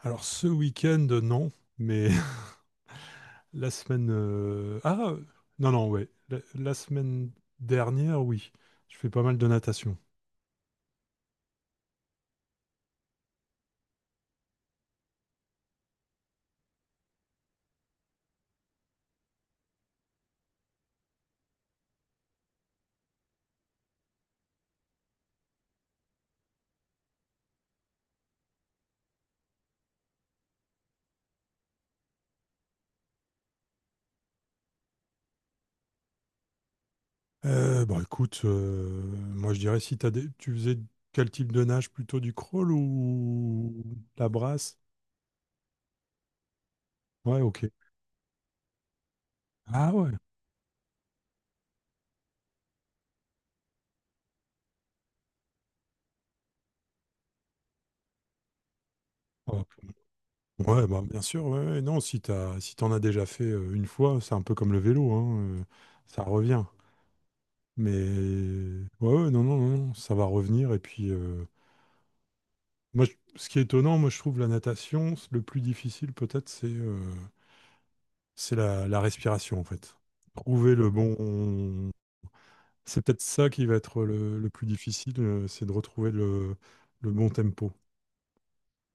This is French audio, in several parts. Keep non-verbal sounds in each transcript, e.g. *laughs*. Alors ce week-end, non, mais *laughs* Ah, non, non, ouais. La semaine dernière, oui. Je fais pas mal de natation. Bon, écoute, moi je dirais si t'as des- tu faisais quel type de nage, plutôt du crawl ou la brasse? Ouais, ok. Ah ouais. Ah, ouais, bah, bien sûr, ouais, ouais, non, si t'en as déjà fait une fois, c'est un peu comme le vélo, hein, ça revient. Mais ouais, ouais, non, non, non, non, ça va revenir et puis. Ce qui est étonnant, moi, je trouve la natation, le plus difficile peut-être, c'est la respiration, en fait. Trouver le bon... C'est peut-être ça qui va être le plus difficile, c'est de retrouver le bon tempo.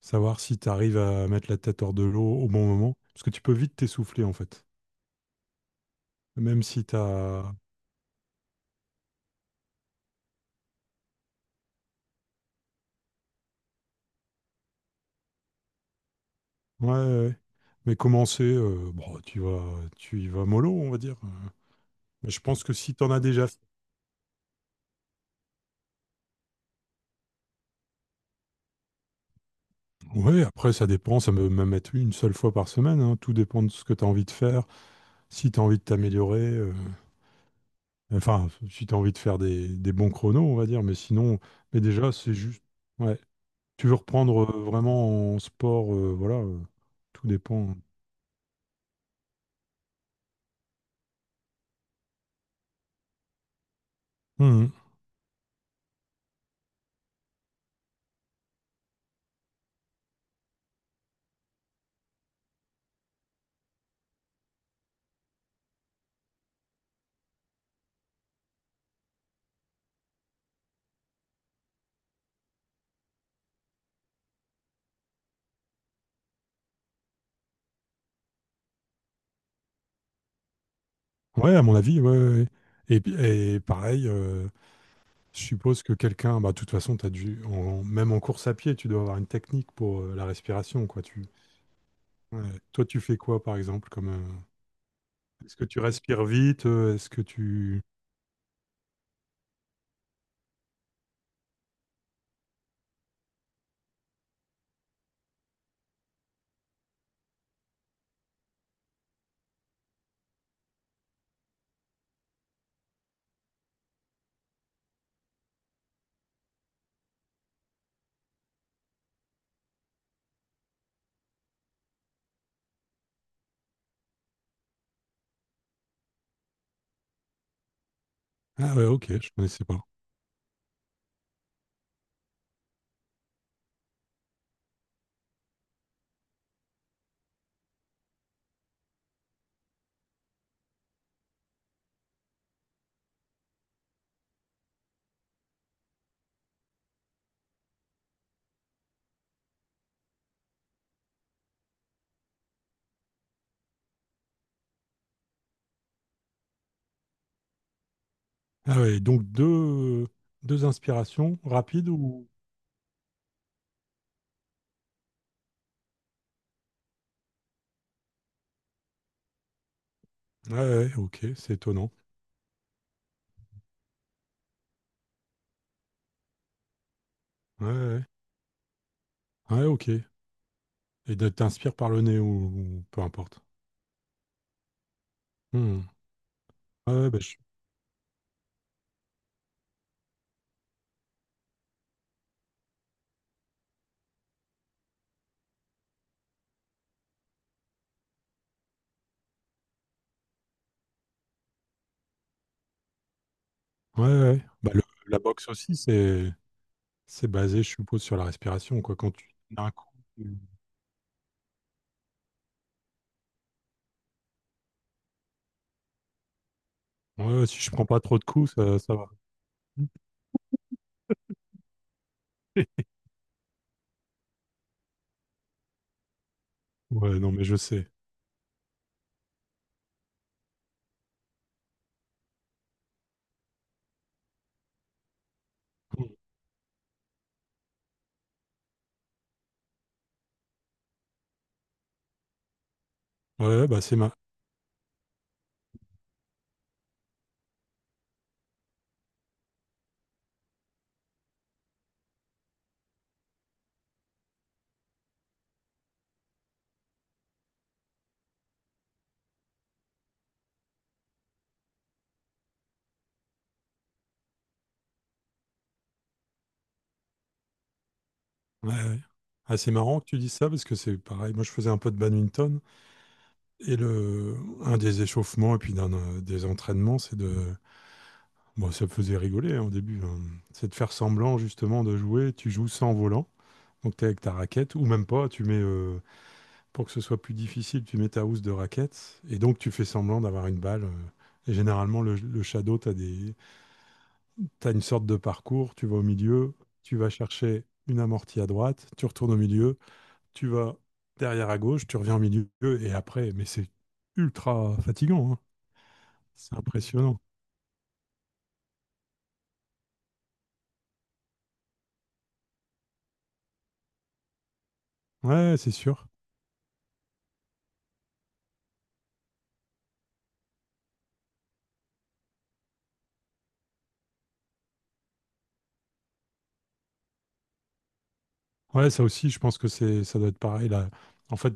Savoir si tu arrives à mettre la tête hors de l'eau au bon moment. Parce que tu peux vite t'essouffler, en fait. Même si tu as... Ouais, ouais. Mais commencer, bon, tu y vas mollo, on va dire. Mais je pense que si tu en as déjà. Ouais, après, ça dépend. Ça peut même être une seule fois par semaine, hein. Tout dépend de ce que tu as envie de faire. Si tu as envie de t'améliorer, enfin, si tu as envie de faire des bons chronos, on va dire. Mais sinon, mais déjà, c'est juste. Ouais. Tu veux reprendre vraiment en sport, voilà. Tout dépend. Mhm. Ouais, à mon avis, ouais, ouais, ouais. Et pareil, je suppose que quelqu'un, bah, de toute façon, t'as dû, même en course à pied, tu dois avoir une technique pour la respiration, quoi. Ouais. Toi, tu fais quoi, par exemple, comme. Est-ce que tu respires vite? Est-ce que tu... Ah ouais, ok, je connaissais pas. Ah ouais, donc deux inspirations rapides ou... Ah ouais, ouais, ok, c'est étonnant. Ouais, ouais, ouais, ah ouais, ok. Et t'inspires par le nez ou peu importe. Hmm. Ouais, ouais, bah, ouais, ouais, ouais. Bah, la boxe aussi, c'est basé, je suppose, sur la respiration, quoi. Quand tu d'un coup... tu- Ouais, ouais, si je prends pas trop de coups, ça va. *laughs* Ouais, non, mais je sais. Hmm. Ouais, ouais, bah c'est ma... Ouais, ouais. Ah, c'est marrant que tu dises ça parce que c'est pareil. Moi, je faisais un peu de badminton et un des échauffements et puis d'un des entraînements, bon, ça me faisait rigoler hein, au début, hein. C'est de faire semblant justement de jouer. Tu joues sans volant, donc t'es avec ta raquette ou même pas. Tu mets pour que ce soit plus difficile, tu mets ta housse de raquette et donc tu fais semblant d'avoir une balle. Et généralement, le shadow, t'as une sorte de parcours. Tu vas au milieu, tu vas chercher une amortie à droite, tu retournes au milieu. Tu vas derrière à gauche, tu reviens au milieu et après, mais c'est ultra fatigant, hein. C'est impressionnant. Ouais, c'est sûr. Ouais, ça aussi, je pense que ça doit être pareil. Là. En fait,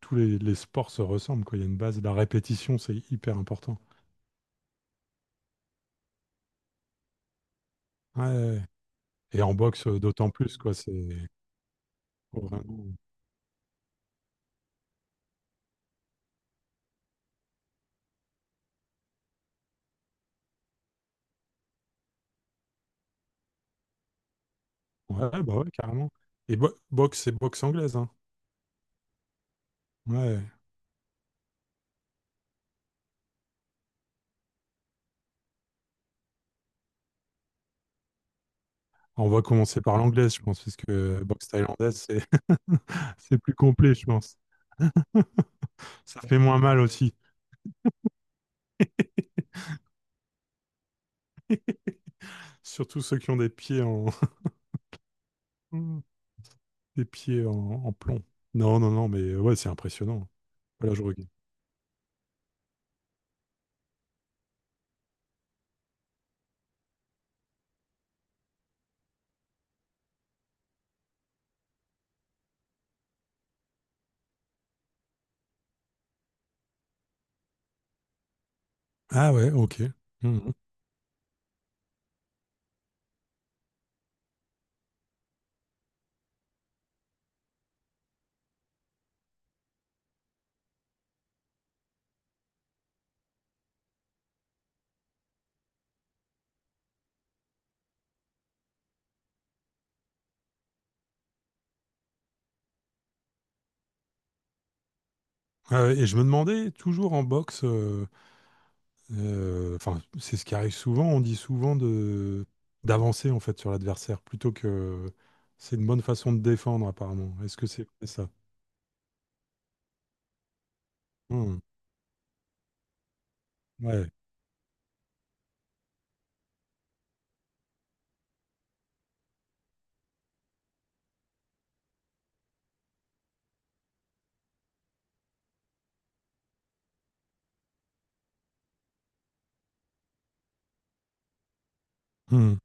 tous les sports se ressemblent, quoi. Il y a une base, la répétition, c'est hyper important. Ouais. Et en boxe, d'autant plus, quoi. C'est Faut vraiment. Ouais, bah ouais, carrément. Et boxe, c'est boxe anglaise, hein. Ouais. On va commencer par l'anglaise, je pense, parce que boxe thaïlandaise, c'est *laughs* c'est plus complet, je pense. Ça fait moins mal aussi. Surtout ceux qui ont des pieds en, *laughs* des pieds en plomb. Non, non, non, mais ouais, c'est impressionnant. Voilà, je regarde. Ah ouais, ok. Mhm. Ah ouais, et je me demandais, toujours en boxe, enfin, c'est ce qui arrive souvent, on dit souvent de d'avancer en fait sur l'adversaire, plutôt que c'est une bonne façon de défendre apparemment. Est-ce que c'est vrai, ça? Mhm. Ouais. Mhm.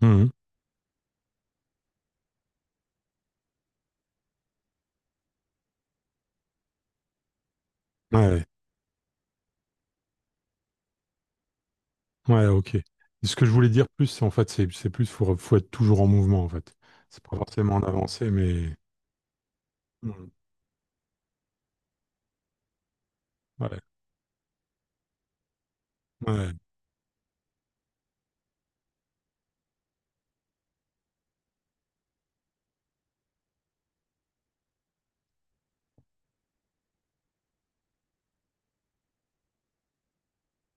Mhm. Ouais. Ouais, ok. Et ce que je voulais dire plus, c'est en fait, c'est plus, faut être toujours en mouvement en fait. C'est pas forcément en avancée, mais... Hmm. Ouais, ouais.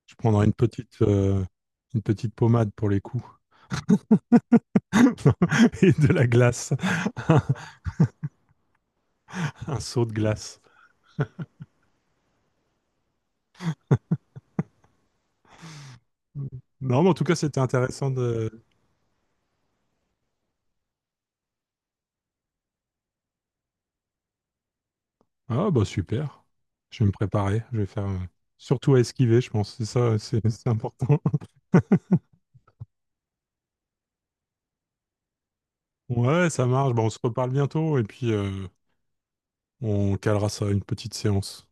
Je prendrai une petite pommade pour les coups *laughs* et de la glace, un seau de glace. Non, mais en tout cas, c'était intéressant de. Ah, bah super. Je vais me préparer. Je vais faire. Surtout à esquiver, je pense. C'est ça, c'est important. *laughs* Ouais, ça marche. Bah, on se reparle bientôt et puis on calera ça, à une petite séance.